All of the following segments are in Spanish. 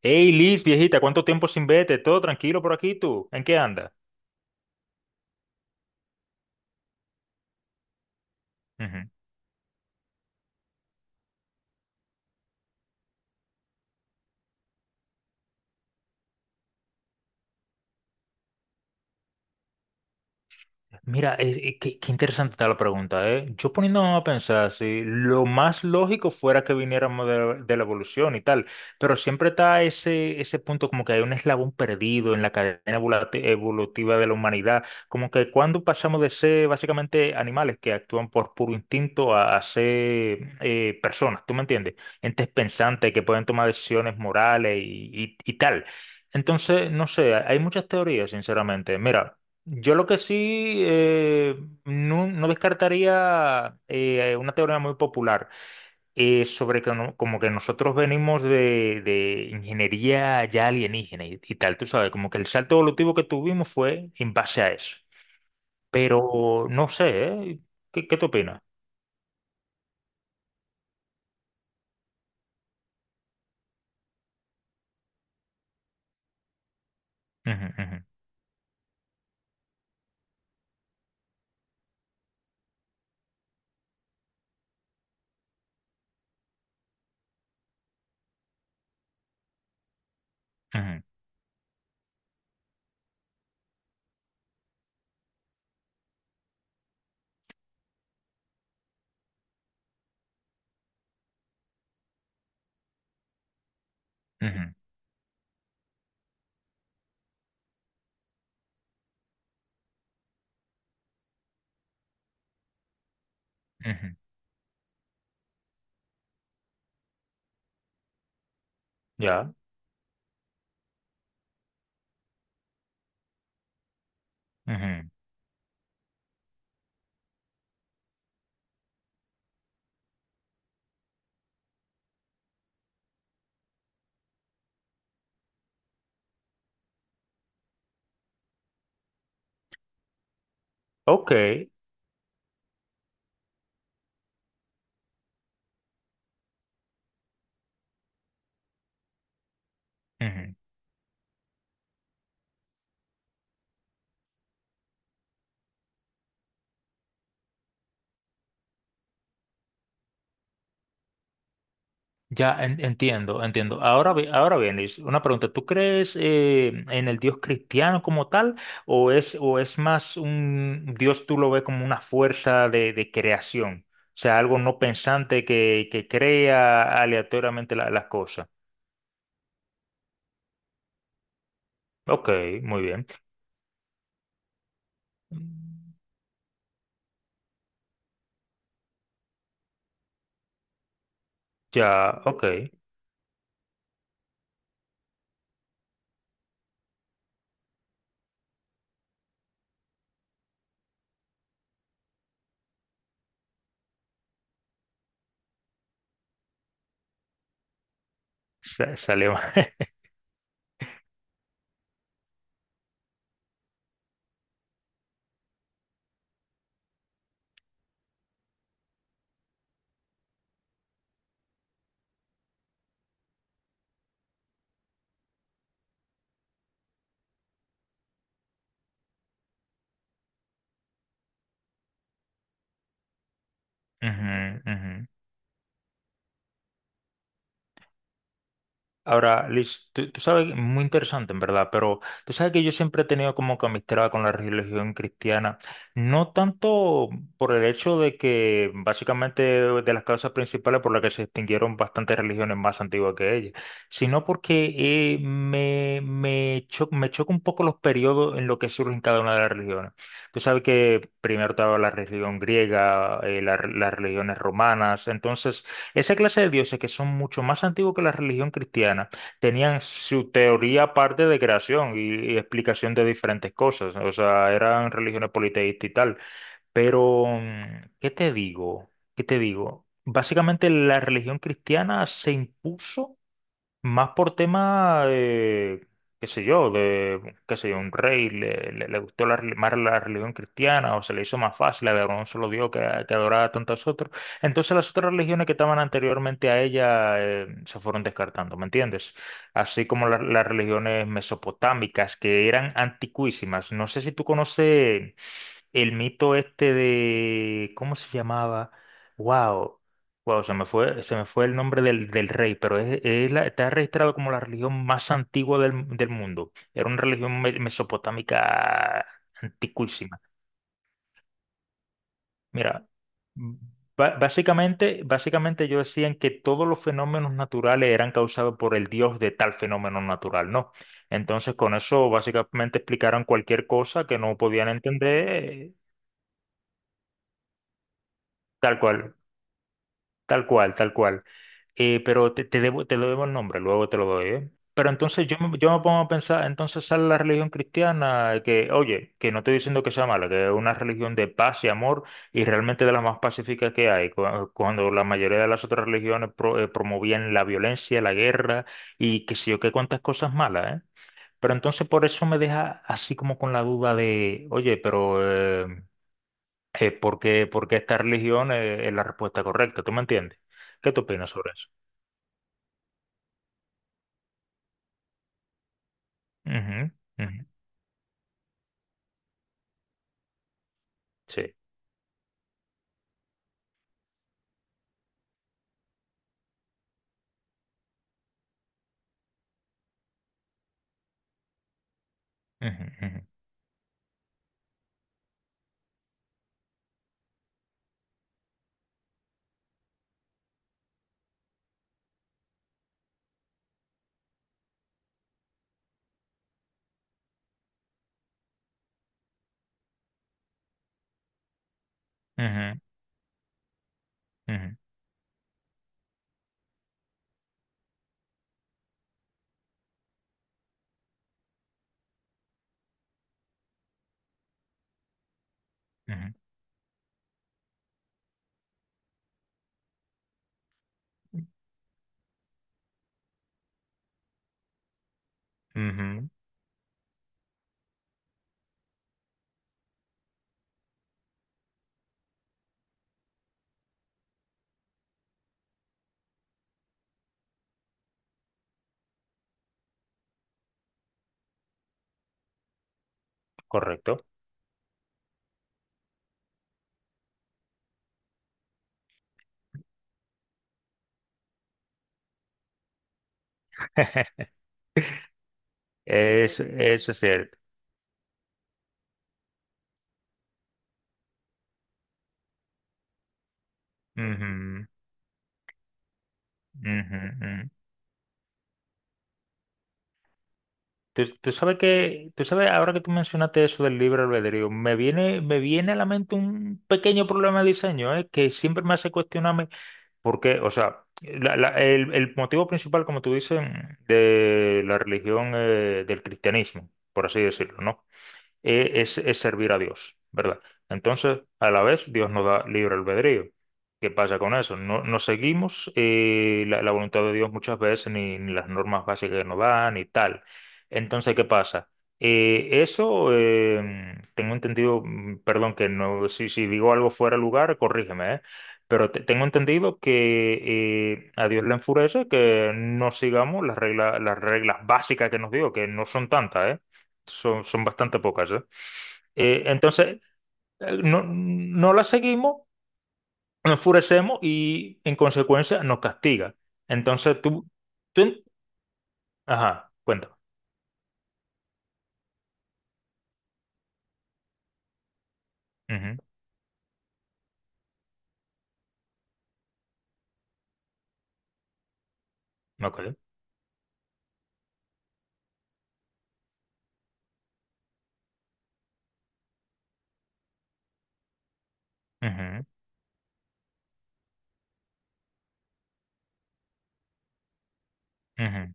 Hey Liz, viejita, ¿cuánto tiempo sin verte? ¿Todo tranquilo por aquí tú? ¿En qué andas? Mira, qué interesante está la pregunta, ¿eh? Yo poniéndome a pensar, si lo más lógico fuera que viniéramos de la evolución y tal, pero siempre está ese punto como que hay un eslabón perdido en la cadena evolutiva de la humanidad, como que cuando pasamos de ser básicamente animales que actúan por puro instinto a ser personas, ¿tú me entiendes? Entes pensantes que pueden tomar decisiones morales y tal. Entonces, no sé, hay muchas teorías, sinceramente. Mira. Yo lo que sí no descartaría una teoría muy popular, sobre que como que nosotros venimos de ingeniería ya alienígena y tal, tú sabes, como que el salto evolutivo que tuvimos fue en base a eso. Pero no sé, ¿eh? ¿Qué te opinas? Ujú, ujú, ujú, ujú, ujú. Ya. Ujú. Ok. Ujú. Entiendo, entiendo. Ahora, ahora bien, Luis, una pregunta. ¿Tú crees en el Dios cristiano como tal o es más un Dios, tú lo ves como una fuerza de creación? O sea, algo no pensante que crea aleatoriamente las cosas. Ok, muy bien. Mm, Ya, ok. Salió. Ujú, ujú. Ahora, Liz, tú sabes, muy interesante en verdad, pero tú sabes que yo siempre he tenido como que amistad con la religión cristiana, no tanto por el hecho de que básicamente de las causas principales por las que se extinguieron bastantes religiones más antiguas que ella, sino porque me choca un poco los periodos en los que surgen cada una de las religiones. Tú sabes que primero estaba la religión griega, las religiones romanas, entonces... Esa clase de dioses que son mucho más antiguos que la religión cristiana, tenían su teoría aparte de creación y explicación de diferentes cosas. O sea, eran religiones politeístas y tal. Pero, ¿qué te digo? ¿Qué te digo? Básicamente la religión cristiana se impuso más por tema, qué sé yo, qué sé yo, un rey le gustó más la religión cristiana, o se le hizo más fácil adorar a un solo Dios que adorar a tantos otros. Entonces las otras religiones que estaban anteriormente a ella se fueron descartando, ¿me entiendes? Así como las religiones mesopotámicas que eran anticuísimas. No sé si tú conoces el mito este de, ¿cómo se llamaba? Wow, wow, se me fue el nombre del rey, pero es está registrado como la religión más antigua del mundo. Era una religión mesopotámica antiquísima. Mira, básicamente ellos decían que todos los fenómenos naturales eran causados por el dios de tal fenómeno natural, ¿no? Entonces, con eso básicamente explicaron cualquier cosa que no podían entender, tal cual. Tal cual, tal cual. Pero te debo, te lo debo el nombre, luego te lo doy, ¿eh? Pero entonces yo me pongo a pensar, entonces sale la religión cristiana, que, oye, que no estoy diciendo que sea mala, que es una religión de paz y amor y realmente de las más pacíficas que hay, cuando la mayoría de las otras religiones promovían la violencia, la guerra y qué sé yo, qué cuantas cosas malas, ¿eh? Pero entonces por eso me deja así como con la duda de, oye, pero eh, porque qué, ¿esta religión es la respuesta correcta? ¿Tú me entiendes? ¿Qué tú opinas sobre eso? Ujú, ujú, sí. Ujú, ujú, ujú, ujú, ujú, ujú, correcto. Es, eso es cierto. Ujú, ujú, ujú. Tú sabes que, tú sabes, ahora que tú mencionaste eso del libre albedrío, me viene a la mente un pequeño problema de diseño, que siempre me hace cuestionarme. Porque, o sea, el motivo principal, como tú dices, de la religión, del cristianismo, por así decirlo, ¿no? Es servir a Dios, ¿verdad? Entonces, a la vez, Dios nos da libre albedrío. ¿Qué pasa con eso? No seguimos la voluntad de Dios muchas veces, ni las normas básicas que nos dan, ni tal. Entonces, ¿qué pasa? Eh, eso, eh, tengo entendido, perdón, que no, si digo algo fuera de lugar, corrígeme, ¿eh? Pero tengo entendido que a Dios le enfurece que no sigamos las reglas básicas que nos dio, que no son tantas, ¿eh? Son bastante pocas, ¿eh? Entonces, no la seguimos, nos enfurecemos y en consecuencia nos castiga. Entonces tú, tú en- ajá, cuenta. Ujú, me acuerdo. Ujú, ujú,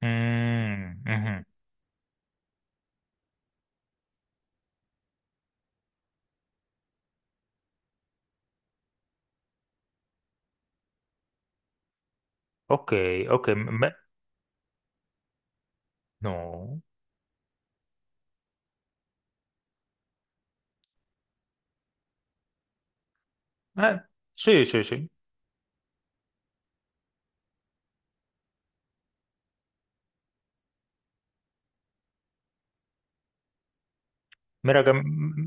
ujú. Ok, ok, me- no. Ah, sí, sí, sí. Mira que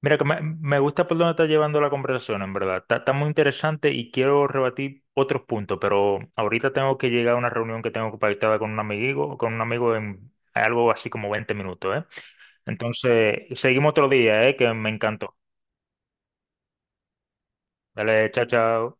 mira, me gusta por dónde está llevando la conversación, en verdad. Está, está muy interesante y quiero rebatir otros puntos, pero ahorita tengo que llegar a una reunión que tengo pactada con un amigo en algo así como 20 minutos, ¿eh? Entonces, seguimos otro día, ¿eh? Que me encantó. Dale, chao, chao.